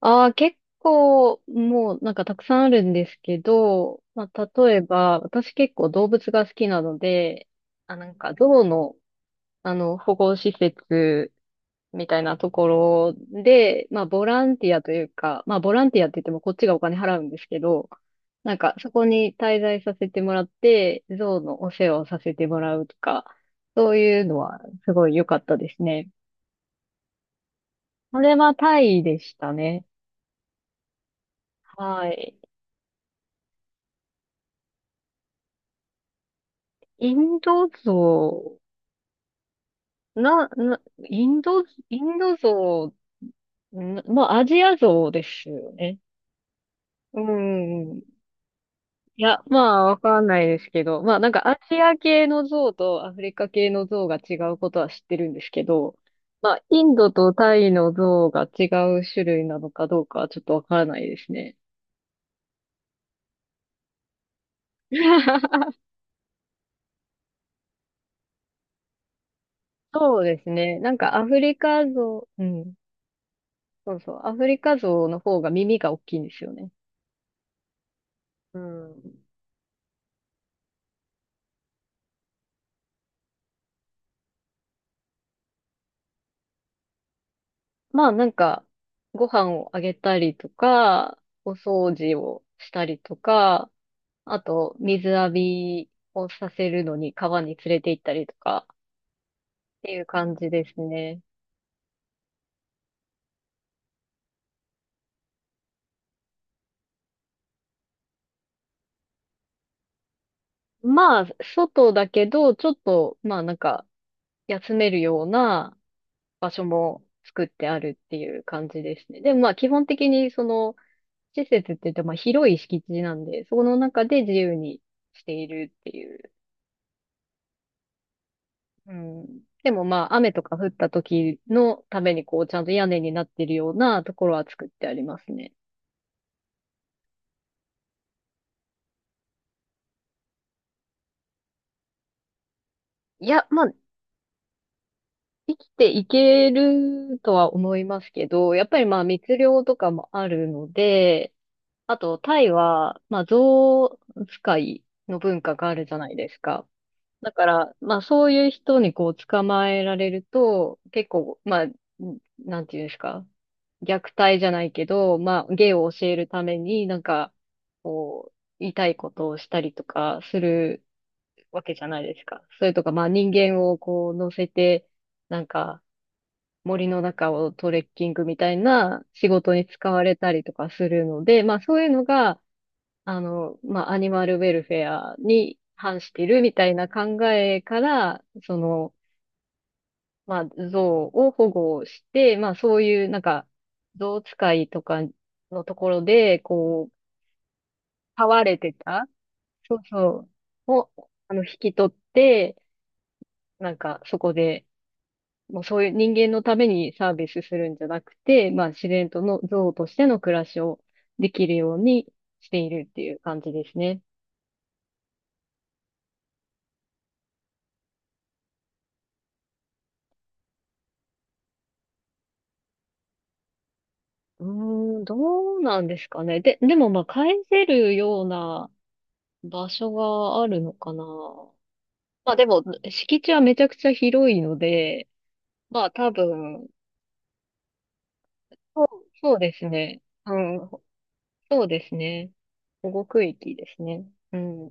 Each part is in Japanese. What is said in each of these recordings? ああ、結構、もうなんかたくさんあるんですけど、まあ、例えば、私結構動物が好きなので、あ、なんかゾウの、あの、保護施設みたいなところで、まあ、ボランティアというか、まあ、ボランティアって言ってもこっちがお金払うんですけど、なんかそこに滞在させてもらって、ゾウのお世話をさせてもらうとか、そういうのはすごい良かったですね。これはタイでしたね。はい。インドゾウ、な、な、インド、インドゾウ、なまあ、アジアゾウですよね。うん。いや、まあ、わかんないですけど、まあ、なんかアジア系のゾウとアフリカ系のゾウが違うことは知ってるんですけど、まあ、インドとタイのゾウが違う種類なのかどうかはちょっとわからないですね。そうですね。なんかアフリカゾウ、うん。そうそう。アフリカゾウの方が耳が大きいんですよね。うん。まあなんか、ご飯をあげたりとか、お掃除をしたりとか、あと水浴びをさせるのに川に連れて行ったりとかっていう感じですね。まあ、外だけど、ちょっと、まあなんか、休めるような作ってあるっていう感じですね。でもまあ基本的にその施設って言ってまあ広い敷地なんで、その中で自由にしているっていう、うん。でもまあ、雨とか降った時のためにこう、ちゃんと屋根になってるようなところは作ってありますね。いや、まあ、生きていけるとは思いますけど、やっぱりまあ、密漁とかもあるので、あと、タイは、まあ、象使いの文化があるじゃないですか。だから、まあそういう人にこう捕まえられると、結構、まあ、なんていうんですか、虐待じゃないけど、まあ芸を教えるために、なんか、こう、言いたいことをしたりとかするわけじゃないですか。それとか、まあ人間をこう乗せて、なんか森の中をトレッキングみたいな仕事に使われたりとかするので、まあそういうのが、あの、まあ、アニマルウェルフェアに反してるみたいな考えから、その、まあ、象を保護して、まあ、そういうなんか、象使いとかのところで、こう、飼われてた、そうそう、を、あの、引き取って、なんか、そこで、もうそういう人間のためにサービスするんじゃなくて、まあ、自然との象としての暮らしをできるようにしているっていう感じですね。うーん、どうなんですかね。でもまあ返せるような場所があるのかな。まあでも、敷地はめちゃくちゃ広いので、まあ多分、そう、そうですね。うん、そうですね。保護区域ですね。うん。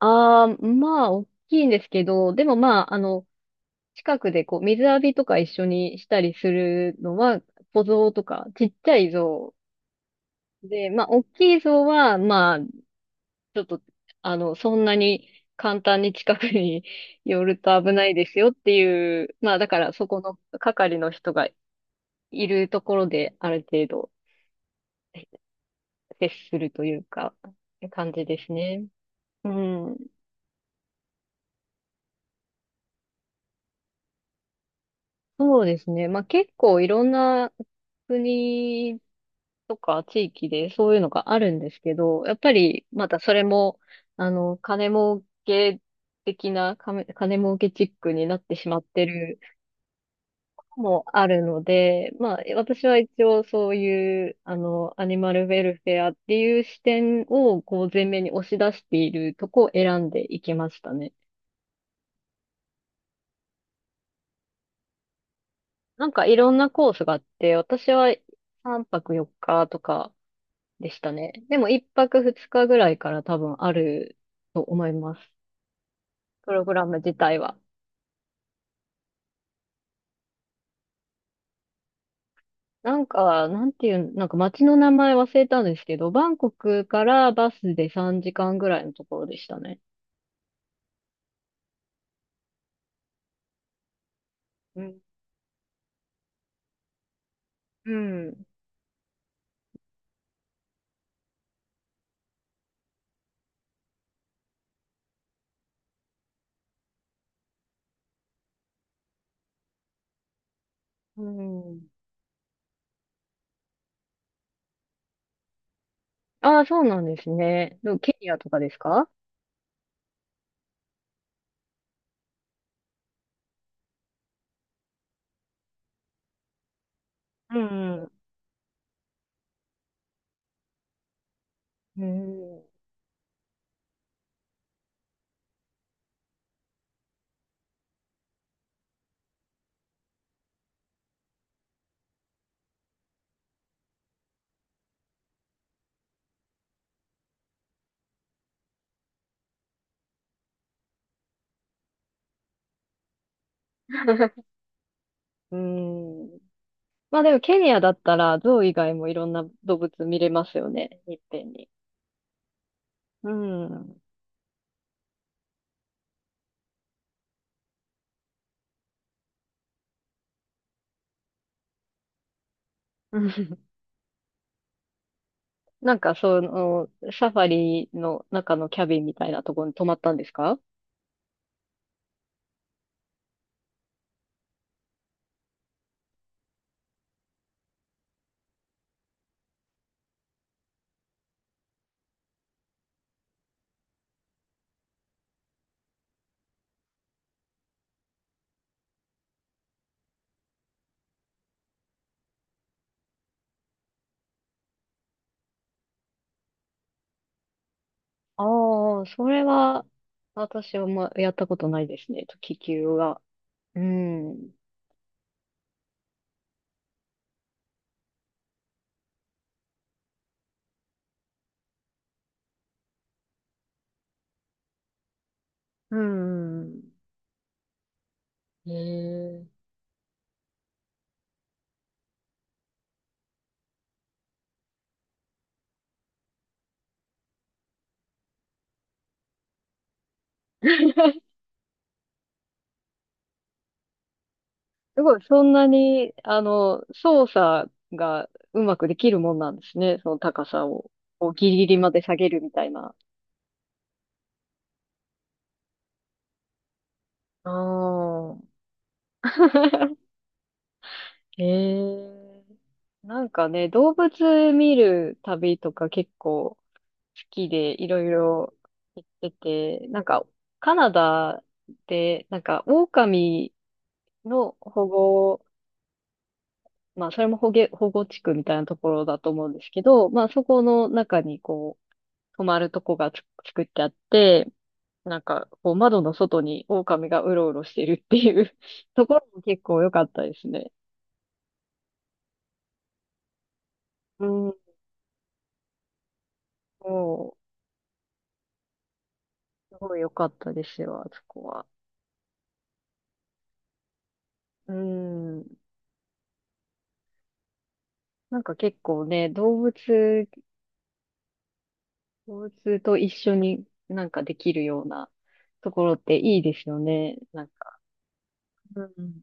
ああ、まあ、大きいんですけど、でもまあ、あの、近くでこう、水浴びとか一緒にしたりするのは、小像とか、ちっちゃい像で、まあ、大きい像は、まあ、ちょっと、あの、そんなに簡単に近くに 寄ると危ないですよっていう、まあだからそこの係の人がいるところである程度接するというか、感じですね。うん。そうですね。まあ結構いろんな国とか地域でそういうのがあるんですけど、やっぱりまたそれも、あの、金儲け的な、金儲けチックになってしまってるもあるので、まあ、私は一応そういう、あの、アニマルウェルフェアっていう視点を、こう、前面に押し出しているとこを選んでいきましたね。なんかいろんなコースがあって、私は3泊4日とかでしたね。でも1泊2日ぐらいから多分あると思います。プログラム自体は。なんか、なんていう、なんか街の名前忘れたんですけど、バンコクからバスで3時間ぐらいのところでしたね。うん。うんうん。ああ、そうなんですね。でもケニアとかですか。うん。うん。うん。まあでもケニアだったら、象以外もいろんな動物見れますよね。いっぺんに。うん。うん、なんか、その、サファリの中のキャビンみたいなところに泊まったんですか。ああ、それは、私はまやったことないですね。気球は。うん。うん。へえ。すごい、そんなに、あの、操作がうまくできるもんなんですね。その高さを、こうギリギリまで下げるみたいな。ああ。へえ。なんかね、動物見る旅とか結構好きでいろいろ行ってて、なんかカナダで、なんか狼の保護、保護地区みたいなところだと思うんですけど、まあそこの中にこう、泊まるとこが作ってあって、なんか、こう窓の外に狼がうろうろしてるっていう ところも結構良かったですね。うん、もう、すごい良かったですよ、あそこは。うん。なんか結構ね、動物と一緒になんかできるようなところっていいですよね、なんか。うん。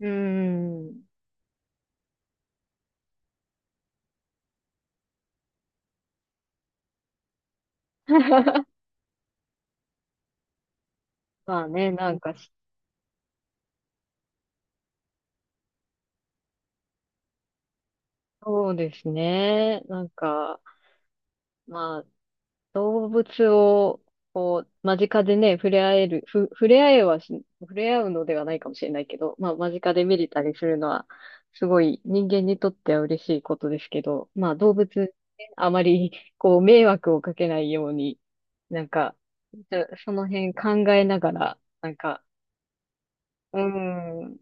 うん。まあね、なんかし、そうですね。なんか、まあ、動物を、こう、間近でね、触れ合える、ふ、触れ合えはし、触れ合うのではないかもしれないけど、まあ、間近で見れたりするのは、すごい人間にとっては嬉しいことですけど、まあ、動物ね、あまり、こう、迷惑をかけないように、なんか、その辺考えながら、なんか、うーん、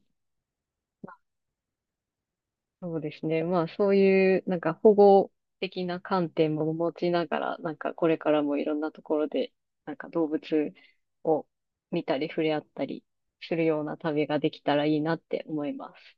そうですね。まあ、そういう、なんか保護的な観点も持ちながら、なんかこれからもいろんなところで、なんか動物を見たり触れ合ったりするような旅ができたらいいなって思います。